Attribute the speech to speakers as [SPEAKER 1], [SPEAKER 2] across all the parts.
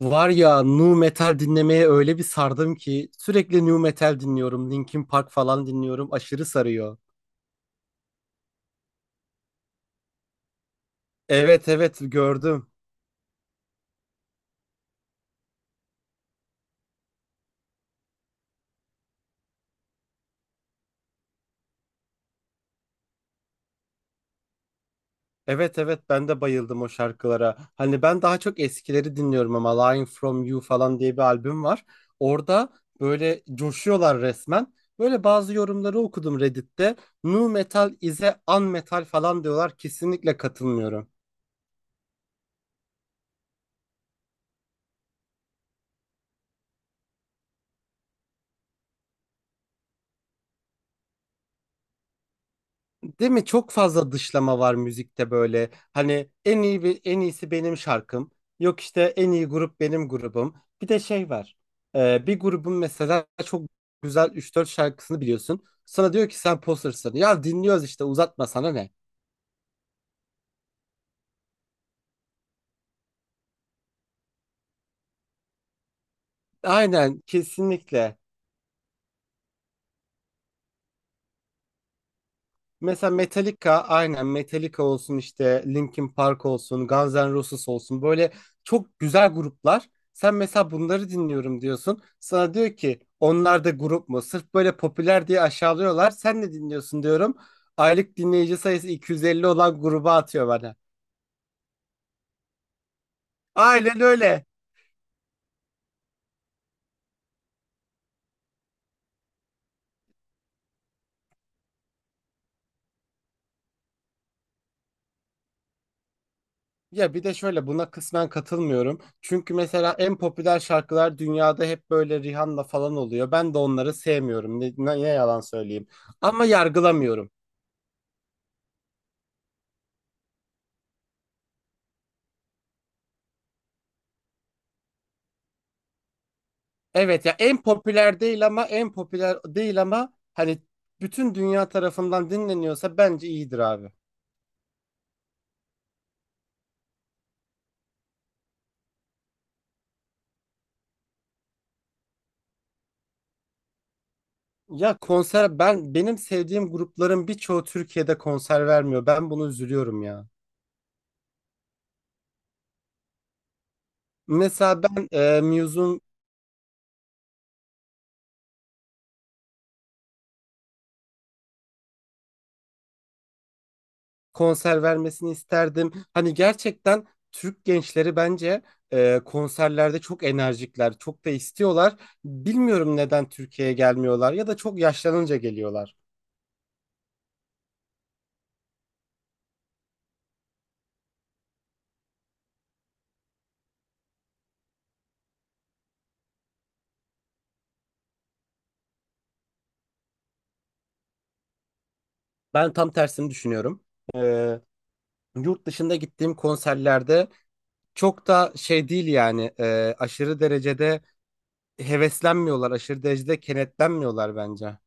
[SPEAKER 1] Var ya nu metal dinlemeye öyle bir sardım ki sürekli nu metal dinliyorum. Linkin Park falan dinliyorum. Aşırı sarıyor. Evet, evet, gördüm. Evet, evet, ben de bayıldım o şarkılara. Hani ben daha çok eskileri dinliyorum ama Lying From You falan diye bir albüm var. Orada böyle coşuyorlar resmen. Böyle bazı yorumları okudum Reddit'te. Nu metal is a un metal falan diyorlar. Kesinlikle katılmıyorum. Değil mi? Çok fazla dışlama var müzikte böyle. Hani en iyisi benim şarkım. Yok işte en iyi grup benim grubum. Bir de şey var. Bir grubun mesela çok güzel üç dört şarkısını biliyorsun. Sana diyor ki sen poser'sın. Ya dinliyoruz işte uzatma sana ne? Aynen kesinlikle. Mesela Metallica aynen Metallica olsun işte Linkin Park olsun Guns N' Roses olsun böyle çok güzel gruplar. Sen mesela bunları dinliyorum diyorsun. Sana diyor ki onlar da grup mu? Sırf böyle popüler diye aşağılıyorlar. Sen ne dinliyorsun diyorum. Aylık dinleyici sayısı 250 olan gruba atıyor bana. Aynen öyle. Ya bir de şöyle buna kısmen katılmıyorum. Çünkü mesela en popüler şarkılar dünyada hep böyle Rihanna falan oluyor. Ben de onları sevmiyorum. Ne yalan söyleyeyim. Ama yargılamıyorum. Evet ya en popüler değil ama hani bütün dünya tarafından dinleniyorsa bence iyidir abi. Ya konser benim sevdiğim grupların birçoğu Türkiye'de konser vermiyor. Ben bunu üzülüyorum ya. Mesela ben Muse'un konser vermesini isterdim. Hani gerçekten Türk gençleri bence konserlerde çok enerjikler, çok da istiyorlar. Bilmiyorum neden Türkiye'ye gelmiyorlar ya da çok yaşlanınca geliyorlar. Ben tam tersini düşünüyorum. E, Yurt dışında gittiğim konserlerde çok da şey değil yani aşırı derecede heveslenmiyorlar, aşırı derecede kenetlenmiyorlar bence.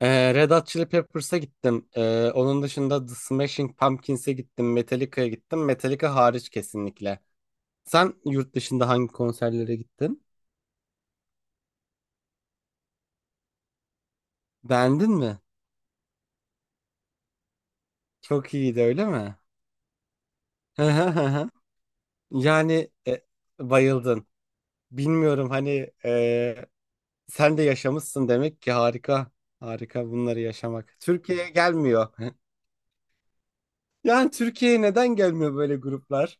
[SPEAKER 1] Red Hot Chili Peppers'a gittim. Onun dışında The Smashing Pumpkins'e gittim, Metallica'ya gittim. Metallica hariç kesinlikle. Sen yurt dışında hangi konserlere gittin? Beğendin mi? Çok iyiydi öyle mi? Yani bayıldın. Bilmiyorum hani sen de yaşamışsın demek ki harika. Harika bunları yaşamak. Türkiye'ye gelmiyor. Yani Türkiye'ye neden gelmiyor böyle gruplar?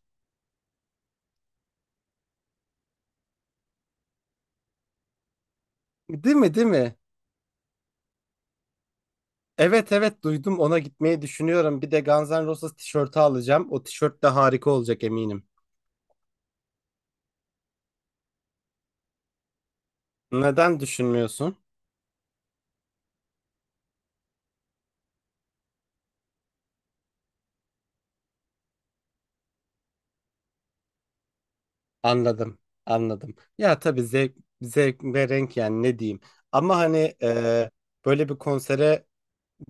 [SPEAKER 1] Değil mi, değil mi? Evet, evet, duydum ona gitmeyi düşünüyorum. Bir de Guns N' Roses tişörtü alacağım. O tişört de harika olacak eminim. Neden düşünmüyorsun? Anladım, anladım. Ya tabii zevk ve renk yani ne diyeyim. Ama hani böyle bir konsere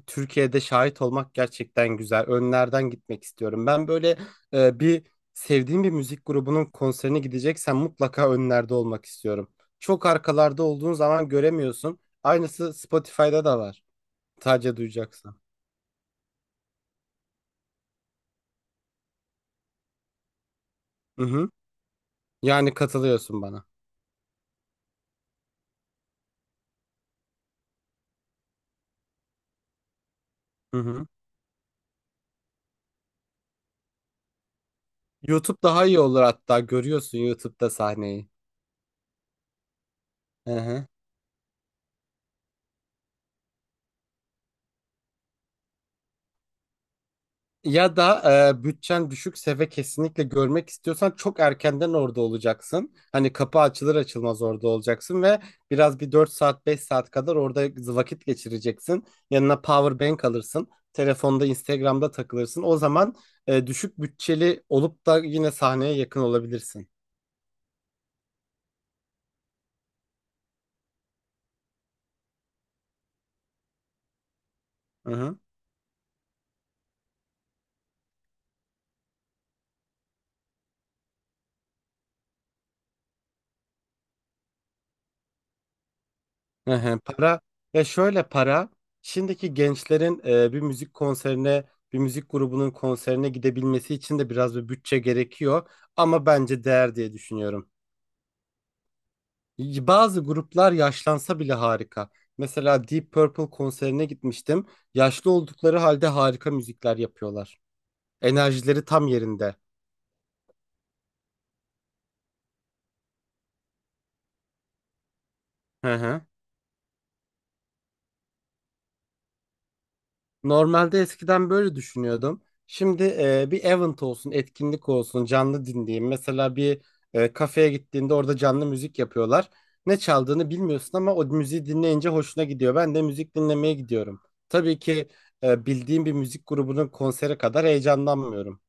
[SPEAKER 1] Türkiye'de şahit olmak gerçekten güzel. Önlerden gitmek istiyorum. Ben böyle bir sevdiğim bir müzik grubunun konserine gideceksen mutlaka önlerde olmak istiyorum. Çok arkalarda olduğun zaman göremiyorsun. Aynısı Spotify'da da var. Sadece duyacaksın. Hı hı. Yani katılıyorsun bana. Hı hı. YouTube daha iyi olur hatta. Görüyorsun YouTube'da sahneyi. Hı hı. Ya da bütçen düşükse ve kesinlikle görmek istiyorsan çok erkenden orada olacaksın. Hani kapı açılır açılmaz orada olacaksın ve biraz bir 4 saat 5 saat kadar orada vakit geçireceksin. Yanına power bank alırsın. Telefonda Instagram'da takılırsın. O zaman düşük bütçeli olup da yine sahneye yakın olabilirsin. Hı hı, para ya şöyle para şimdiki gençlerin bir müzik grubunun konserine gidebilmesi için de biraz bir bütçe gerekiyor ama bence değer diye düşünüyorum. Bazı gruplar yaşlansa bile harika. Mesela Deep Purple konserine gitmiştim. Yaşlı oldukları halde harika müzikler yapıyorlar. Enerjileri tam yerinde. Hı hı. Normalde eskiden böyle düşünüyordum. Şimdi bir event olsun, etkinlik olsun, canlı dinleyeyim. Mesela bir kafeye gittiğinde orada canlı müzik yapıyorlar. Ne çaldığını bilmiyorsun ama o müziği dinleyince hoşuna gidiyor. Ben de müzik dinlemeye gidiyorum. Tabii ki bildiğim bir müzik grubunun konseri kadar heyecanlanmıyorum.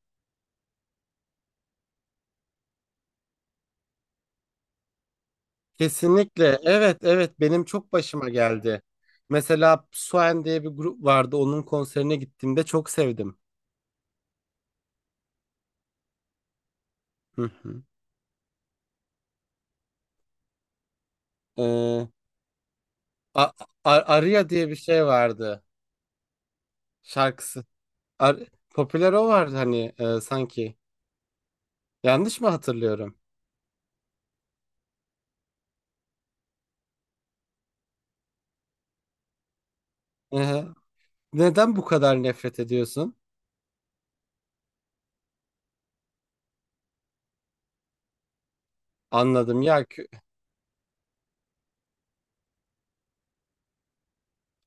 [SPEAKER 1] Kesinlikle. Evet, evet benim çok başıma geldi. Mesela Suen diye bir grup vardı. Onun konserine gittiğimde çok sevdim. Hı hı. A Aria diye bir şey vardı şarkısı. Ar- Popüler o vardı hani sanki. Yanlış mı hatırlıyorum? Hı. Neden bu kadar nefret ediyorsun? Anladım ya kü-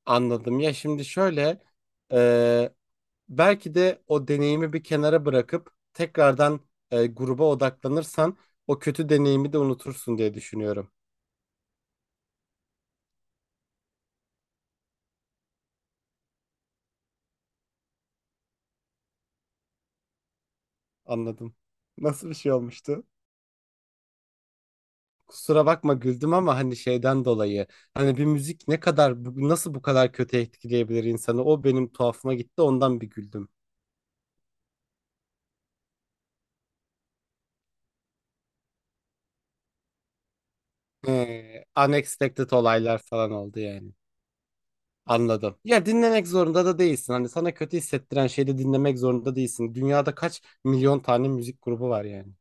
[SPEAKER 1] Anladım ya şimdi şöyle e, belki de o deneyimi bir kenara bırakıp tekrardan gruba odaklanırsan o kötü deneyimi de unutursun diye düşünüyorum. Anladım. Nasıl bir şey olmuştu? Kusura bakma güldüm ama hani şeyden dolayı hani bir müzik ne kadar nasıl bu kadar kötü etkileyebilir insanı o benim tuhafıma gitti ondan bir güldüm. Unexpected olaylar falan oldu yani. Anladım. Ya dinlemek zorunda da değilsin. Hani sana kötü hissettiren şeyi de dinlemek zorunda değilsin. Dünyada kaç milyon tane müzik grubu var yani.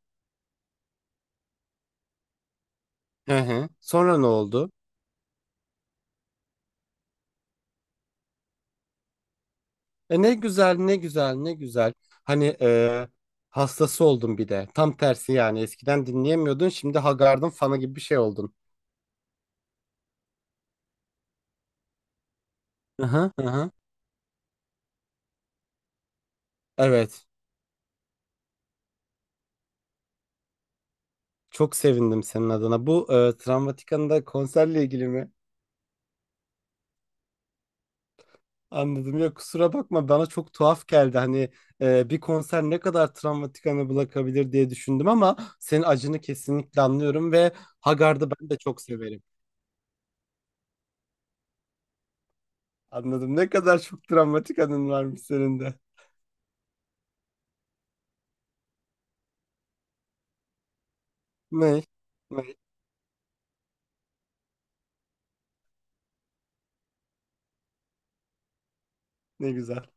[SPEAKER 1] Hı hı. Sonra ne oldu? Ne güzel, ne güzel, ne güzel. Hani hastası oldun bir de. Tam tersi yani. Eskiden dinleyemiyordun, şimdi Haggard'ın fanı gibi bir şey oldun. Aha, aha. Evet. Çok sevindim senin adına. Bu Travmatika'nda konserle ilgili mi? Anladım. Ya kusura bakma bana çok tuhaf geldi. Hani bir konser ne kadar Travmatika'nı bırakabilir diye düşündüm ama senin acını kesinlikle anlıyorum ve Hagar'da ben de çok severim. Anladım. Ne kadar çok Travmatika'nın varmış senin de. Ne? Ne? Ne güzel.